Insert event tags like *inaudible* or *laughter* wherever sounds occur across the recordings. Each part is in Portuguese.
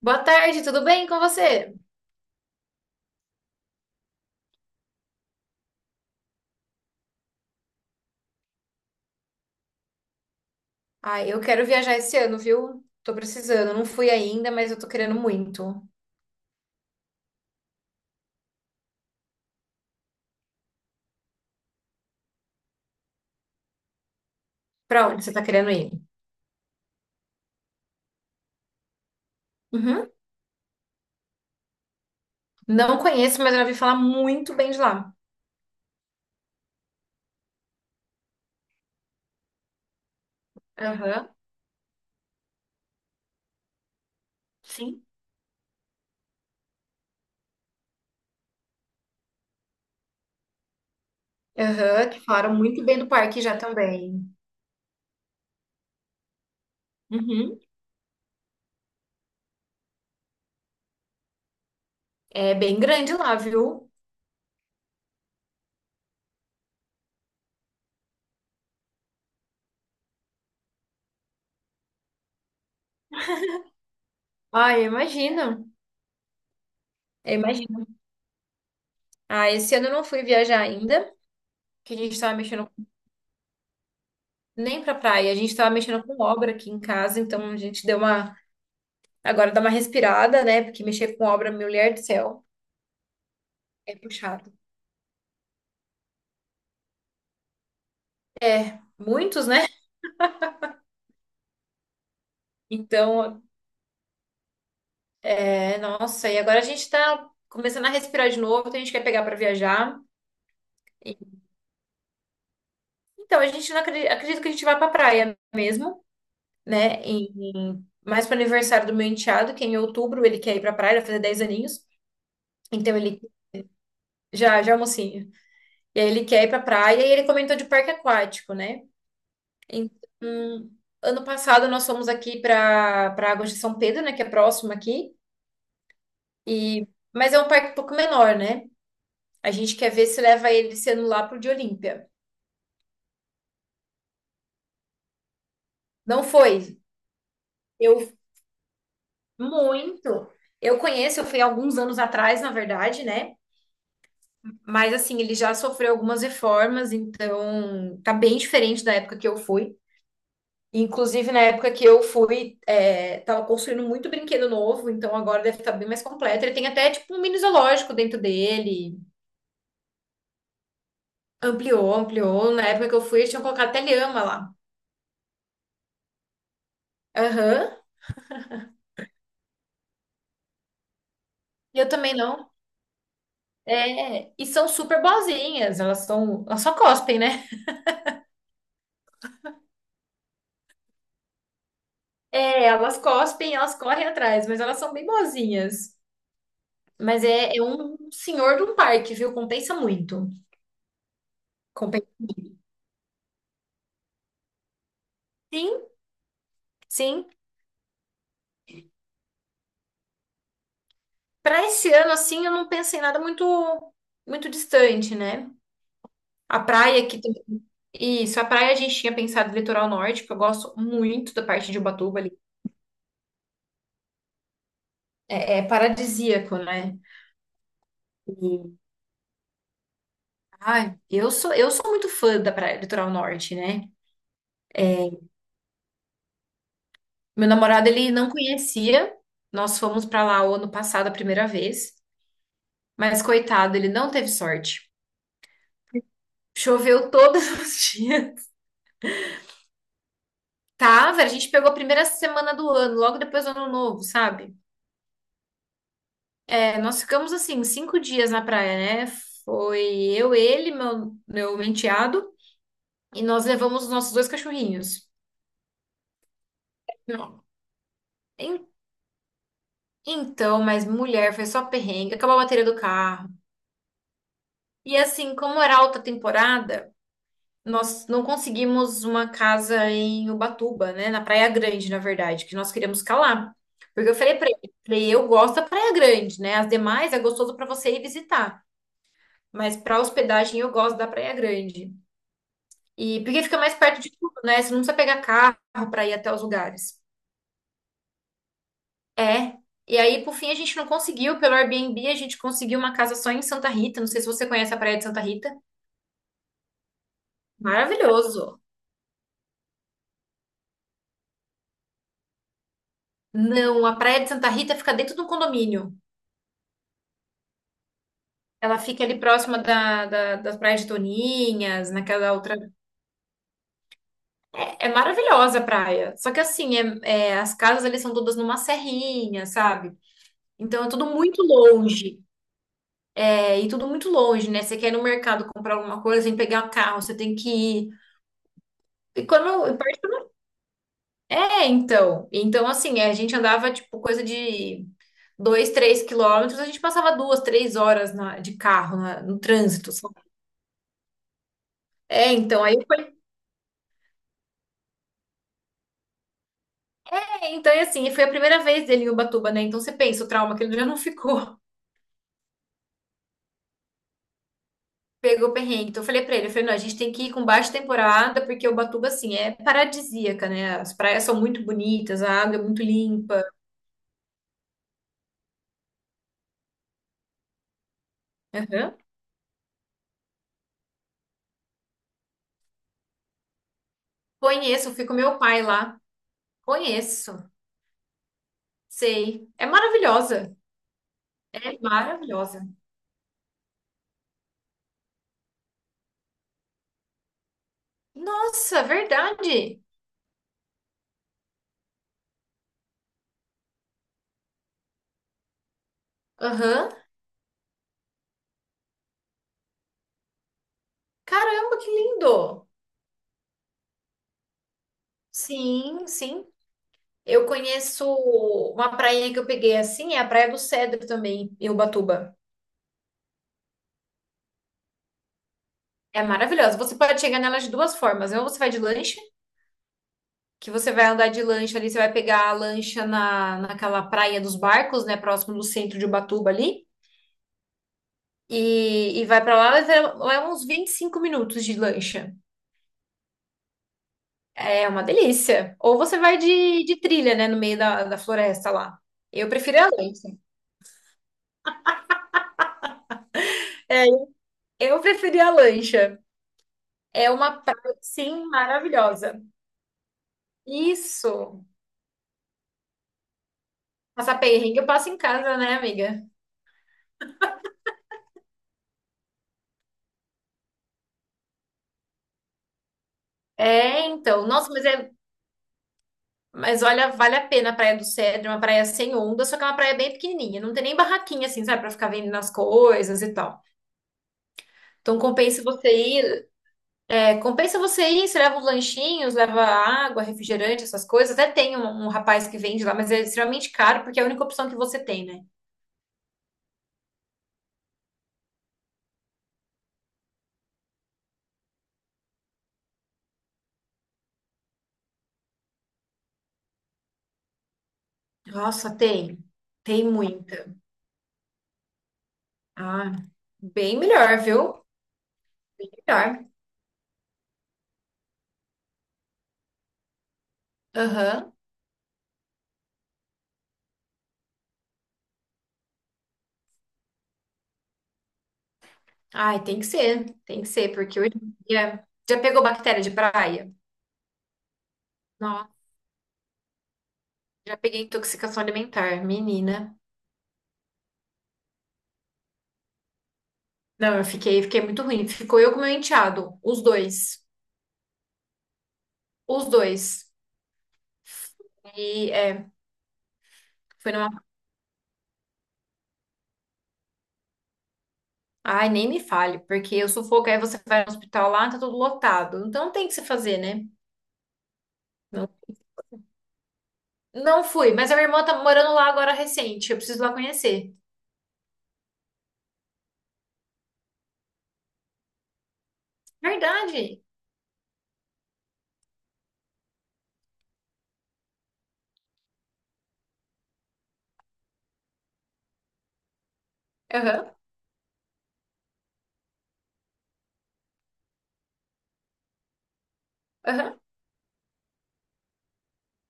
Boa tarde, tudo bem com você? Ah, eu quero viajar esse ano, viu? Tô precisando, não fui ainda, mas eu tô querendo muito. Pra onde você tá querendo ir? Uhum. Não conheço, mas eu já ouvi falar muito bem de lá. Aham, sim. Aham, que falaram muito bem do parque já também. Uhum. É bem grande lá, viu? Ah, eu imagino. Eu imagino. Ah, esse ano eu não fui viajar ainda, que a gente tava mexendo nem pra praia, a gente tava mexendo com obra aqui em casa, então a gente deu uma. Agora dá uma respirada, né? Porque mexer com obra, mulher do céu, é puxado. É, muitos, né? Então, é, nossa, e agora a gente tá começando a respirar de novo, então a gente quer pegar pra viajar. E- Então, a gente não acredita, acredito que a gente vá pra praia mesmo, né? Mais pro aniversário do meu enteado, que é em outubro, ele quer ir pra praia, ele vai fazer 10 aninhos. Então ele já é mocinho. E aí ele quer ir pra praia e ele comentou de parque aquático, né? Então, ano passado nós fomos aqui para Águas de São Pedro, né, que é próximo aqui, e mas é um parque um pouco menor, né? A gente quer ver se leva ele sendo lá pro de Olímpia. Não foi. Eu muito. Eu conheço, eu fui alguns anos atrás, na verdade, né? Mas assim, ele já sofreu algumas reformas, então tá bem diferente da época que eu fui. Inclusive, na época que eu fui, tava construindo muito brinquedo novo, então agora deve estar bem mais completo. Ele tem até, tipo, um mini zoológico dentro dele. Ampliou, ampliou. Na época que eu fui, eles tinham colocado até lhama lá. Aham. E eu também não. É, e são super boazinhas. Elas só cospem, né? É, elas cospem, elas correm atrás, mas elas são bem boazinhas. Mas é, é um senhor de um parque, viu? Compensa muito. Compensa. Sim, sim. Para esse ano, assim, eu não pensei em nada muito distante, né? A praia aqui também. Isso, a praia a gente tinha pensado no litoral norte, que eu gosto muito da parte de Ubatuba ali. É, é paradisíaco, né? E, ai, eu sou muito fã da praia do litoral norte, né? É, meu namorado, ele não conhecia. Nós fomos para lá o ano passado a primeira vez, mas coitado, ele não teve sorte. Choveu todos *laughs* os dias. Tava, a gente pegou a primeira semana do ano, logo depois do ano novo, sabe? É, nós ficamos assim, 5 dias na praia, né? Foi eu, ele, meu enteado, e nós levamos os nossos dois cachorrinhos. Não. En- Então, mas mulher, foi só perrengue, acabou a bateria do carro. E assim, como era alta temporada, nós não conseguimos uma casa em Ubatuba, né? Na Praia Grande, na verdade, que nós queríamos ficar lá. Porque eu falei pra ele, falei, eu gosto da Praia Grande, né? As demais é gostoso pra você ir visitar, mas pra hospedagem eu gosto da Praia Grande. E porque fica mais perto de tudo, né? Você não precisa pegar carro para ir até os lugares. É. E aí, por fim, a gente não conseguiu. Pelo Airbnb, a gente conseguiu uma casa só em Santa Rita. Não sei se você conhece a Praia de Santa Rita. Maravilhoso. Não, a Praia de Santa Rita fica dentro de um condomínio. Ela fica ali próxima das praias de Toninhas, naquela outra. É, é maravilhosa a praia. Só que assim, as casas ali são todas numa serrinha, sabe? Então é tudo muito longe. É, e tudo muito longe, né? Você quer ir no mercado comprar alguma coisa, você tem que pegar o carro, você tem que ir. E quando. eu- É, então. Então, assim, a gente andava, tipo, coisa de 2, 3 quilômetros, a gente passava 2, 3 horas de carro no trânsito, sabe? É, então, aí foi. É, então, e assim, foi a primeira vez dele em Ubatuba, né? Então você pensa, o trauma que ele já não *laughs* ficou. Pegou perrengue. Então eu falei pra ele, eu falei, não, a gente tem que ir com baixa temporada, porque Ubatuba, assim, é paradisíaca, né? As praias são muito bonitas, a água é muito limpa. Aham. Conheço, fui com meu pai lá. Conheço, sei. É maravilhosa. É maravilhosa. Nossa, verdade. Aham. Caramba, que lindo. Sim, sim. Eu conheço uma prainha que eu peguei assim, é a Praia do Cedro também, em Ubatuba. É maravilhosa. Você pode chegar nela de duas formas. Ou você vai de lancha, que você vai andar de lancha ali, você vai pegar a lancha naquela praia dos barcos, né, próximo do centro de Ubatuba ali. E vai pra lá, leva uns 25 minutos de lancha. É uma delícia. Ou você vai de trilha, né, no meio da floresta lá. Eu prefiro a lancha. É, eu preferi a lancha. É uma praia, sim, maravilhosa. Isso. Passar perrengue eu passo em casa, né, amiga? É, então. Nossa, mas é. Mas olha, vale a pena a Praia do Cedro, é uma praia sem onda, só que é uma praia bem pequenininha. Não tem nem barraquinha, assim, sabe, pra ficar vendendo as coisas e tal. Então compensa você ir. É, compensa você ir, você leva os lanchinhos, leva água, refrigerante, essas coisas. Até tem um rapaz que vende lá, mas é extremamente caro porque é a única opção que você tem, né? Nossa, tem. Tem muita. Ah, bem melhor, viu? Bem melhor. Aham. Ai, tem que ser. Tem que ser, porque hoje em dia... Já pegou bactéria de praia? Nossa, já peguei intoxicação alimentar, menina. Não, eu fiquei muito ruim. Ficou eu com meu enteado, os dois. Os dois. E é, foi numa. Ai, nem me fale, porque o sufoco aí você vai no hospital lá, tá tudo lotado. Então não tem o que se fazer, né? Não, não fui, mas a minha irmã tá morando lá agora recente, eu preciso ir lá conhecer. Verdade. Aham, aham.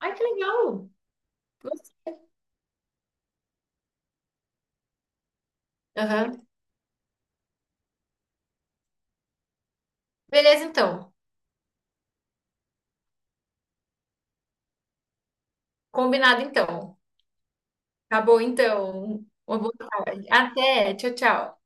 Ai, que legal. Aham. Beleza, então. Combinado, então. Tá bom, então. Uma boa tarde. Até. Tchau, tchau.